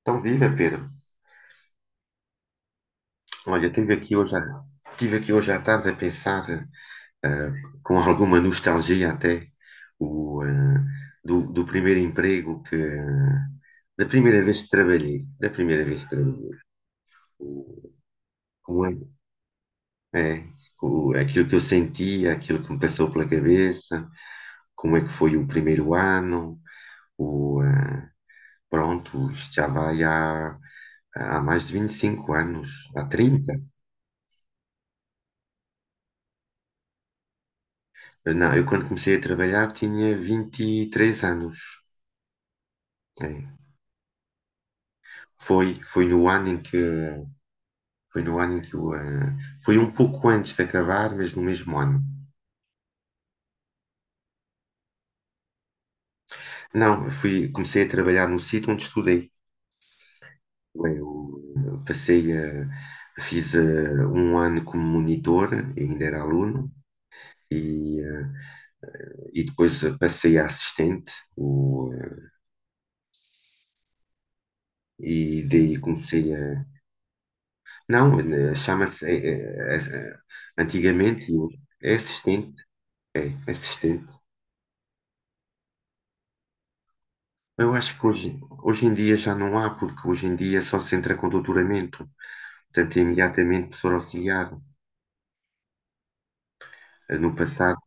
Então, viva, Pedro. Olha, tive aqui hoje, tive aqui hoje à tarde a pensar, eh, com alguma nostalgia até, o, eh, do, primeiro emprego que, da primeira vez que trabalhei, da primeira vez que trabalhei. O- Como é? É, aquilo que eu sentia, aquilo que me passou pela cabeça, como é que foi o primeiro ano, o, ah, pronto, isto já vai há mais de 25 anos, há 30? Não, eu quando comecei a trabalhar tinha 23 anos. É, Foi no ano em que, foi no ano em que, eu, ah, foi um pouco antes de acabar, mas no mesmo ano. Não, comecei a trabalhar no sítio onde estudei. Bem, eu passei a, fiz um ano como monitor, ainda era aluno, e, e depois passei a assistente, e daí comecei a. Não, chama-se. Antigamente é assistente, é assistente. Eu acho que hoje, hoje em dia já não há, porque hoje em dia só se entra com doutoramento, portanto, é imediatamente professor auxiliar. No passado,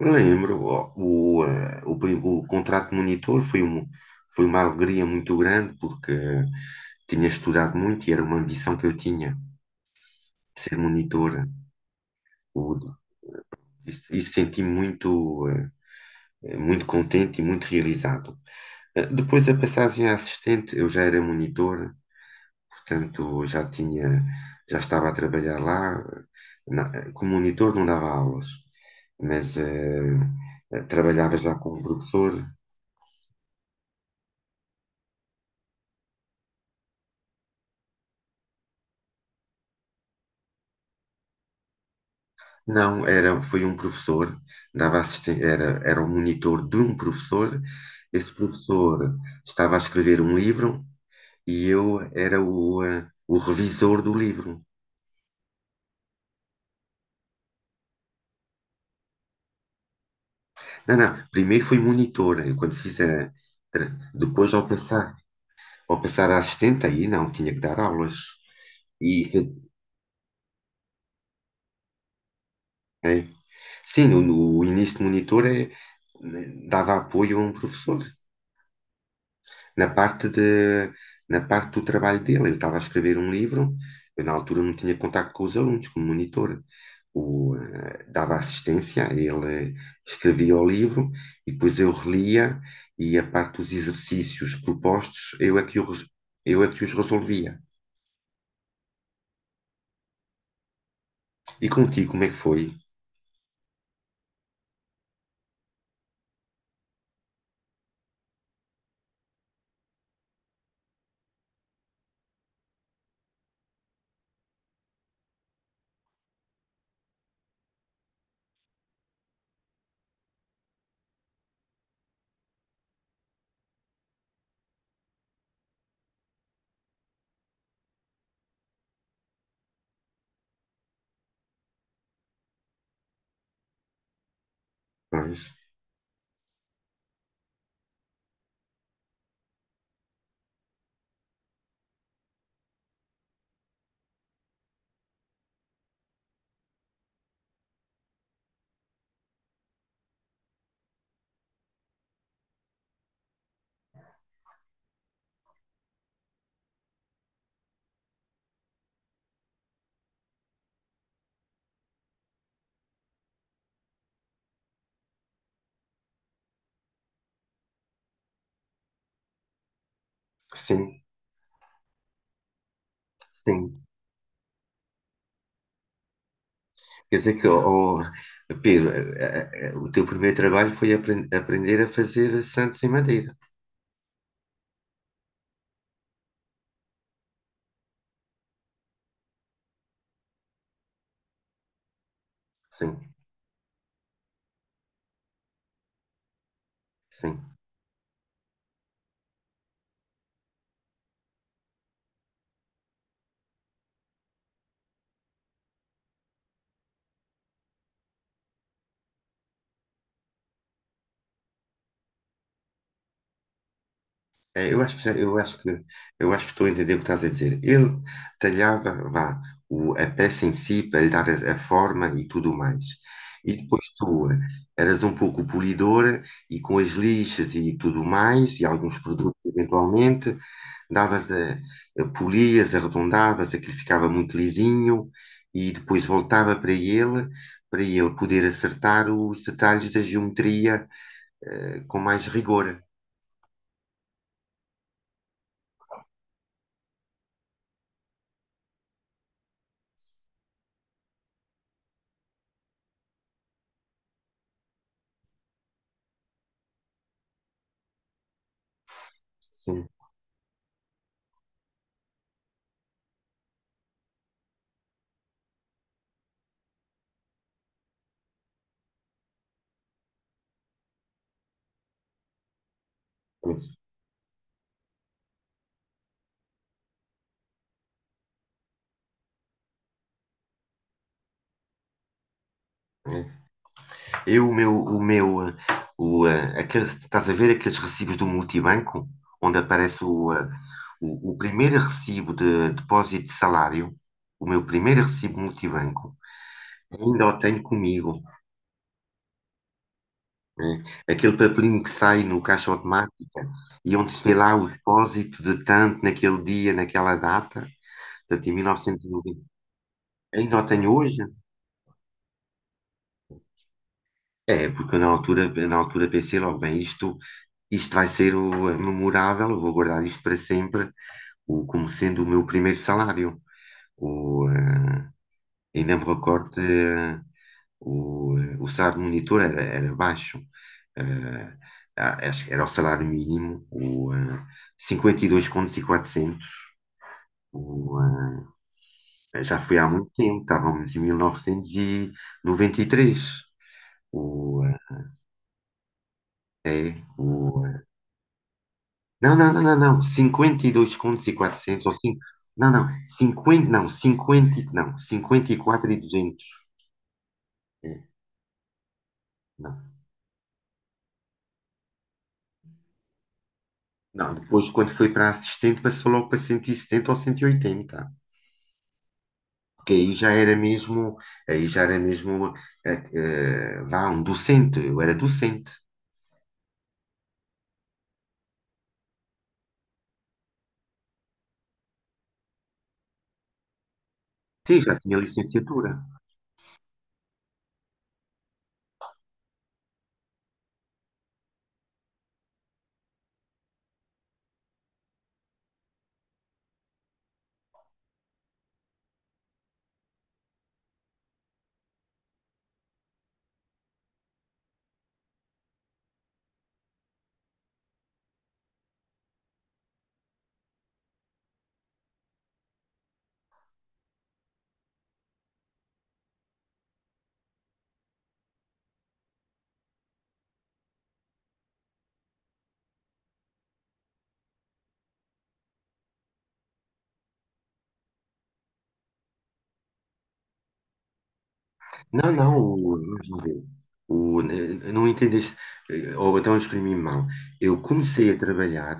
eu lembro. Ó, o, eh, o, prim- O contrato de monitor foi uma alegria muito grande porque tinha estudado muito e era uma ambição que eu tinha, de ser monitor e senti muito contente e muito realizado. Depois a passagem a assistente, eu já era monitor, portanto já estava a trabalhar lá. Como monitor não dava aulas, mas trabalhava já como professor. Não, foi um professor, era o monitor de um professor. Esse professor estava a escrever um livro e eu era o revisor do livro. Não, não, primeiro fui monitor, eu quando fiz a, tra- depois ao passar a assistente, aí não, tinha que dar aulas. E, eh, sim, no início de monitor dava apoio a um professor. Na parte de, na parte do trabalho dele, ele estava a escrever um livro, eu na altura não tinha contacto com os alunos, como monitor. Dava assistência, ele escrevia o livro e depois eu relia e a parte dos exercícios propostos, eu é que os resolvia. E contigo, como é que foi? Pois, sim, sim. Quer dizer que, ó, Pedro, o teu primeiro trabalho foi aprender a fazer santos em madeira. Sim, sim. É, eu acho que estou a entender o que estás a dizer. Ele talhava, vá, a peça em si para lhe dar a forma e tudo mais. E depois tu eras um pouco polidora e com as lixas e tudo mais e alguns produtos eventualmente davas a polias, arredondavas, aquilo ficava muito lisinho e depois voltava para ele poder acertar os detalhes da geometria com mais rigor. Sim, é isso, é. Eu, o meu, eh, estás a ver aqueles recibos do multibanco, onde aparece o primeiro recibo de depósito de salário, o meu primeiro recibo multibanco, ainda o tenho comigo, né? Aquele papelinho que sai no caixa automática e onde tem lá o depósito de tanto naquele dia, naquela data, portanto, em 1990. Ainda o tenho hoje? É, porque eu na altura, pensei logo, bem, isto vai ser é memorável, eu vou guardar isto para sempre, como sendo o meu primeiro salário. O, eh, Ainda me recordo, o salário do monitor era baixo, eh, acho que era o salário mínimo, 52.400, o, já foi há muito tempo, estávamos em 1993. O, eh, é, o, Não, não, não, não, não. 52 contos e 400 ou 5. Não, não. Cinquenta, não. Não. Cinquenta e 200. É, não. Não, depois quando foi para assistente passou logo para 170 ou 180. Porque aí já era mesmo, vá, um docente. Eu era docente. Sim, já tinha licenciatura. Não, não, vamos ver. Eu não entendeste, ou então eu exprimi mal. Eu comecei a trabalhar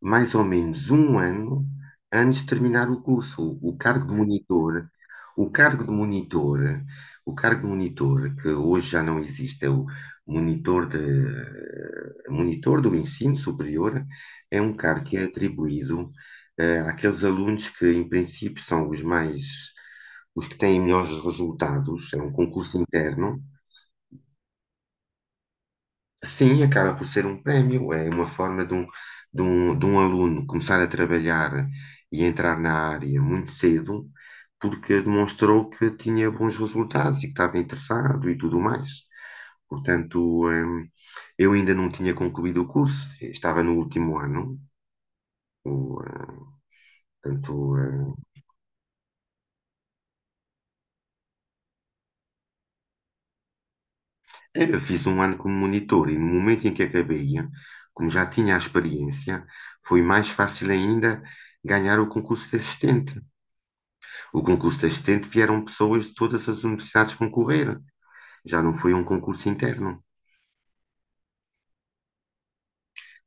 mais ou menos um ano antes de terminar o curso. O cargo de monitor, o cargo de monitor, que hoje já não existe, é o monitor do ensino superior, é um cargo que é atribuído aqueles alunos que, em princípio, são os que têm melhores resultados, é um concurso interno, sim, acaba por ser um prémio, é uma forma de um aluno começar a trabalhar e entrar na área muito cedo, porque demonstrou que tinha bons resultados e que estava interessado e tudo mais. Portanto, eu ainda não tinha concluído o curso, estava no último ano, o, eh, portanto, eu fiz um ano como monitor e no momento em que acabei, como já tinha a experiência, foi mais fácil ainda ganhar o concurso de assistente. O concurso de assistente vieram pessoas de todas as universidades concorrer, já não foi um concurso interno.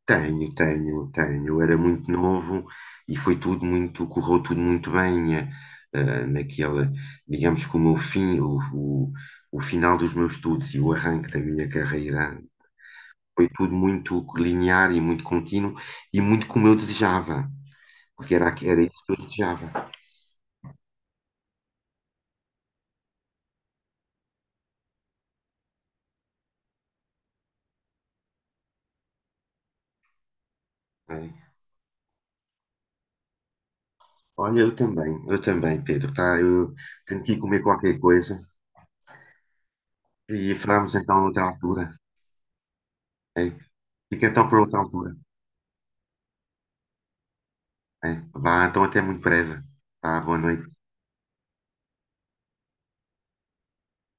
Tenho, tenho, tenho. Eu era muito novo e foi tudo muito, correu tudo muito bem naquela, digamos que o meu fim, o final dos meus estudos e o arranque da minha carreira. Foi tudo muito linear e muito contínuo e muito como eu desejava, porque era, era isso que eu desejava. Né? Olha, eu também, Pedro, tá? Eu tenho que ir comer qualquer coisa e falamos então noutra altura, né? Fica então por outra altura, né? Vá, então até muito breve, tá? Boa noite.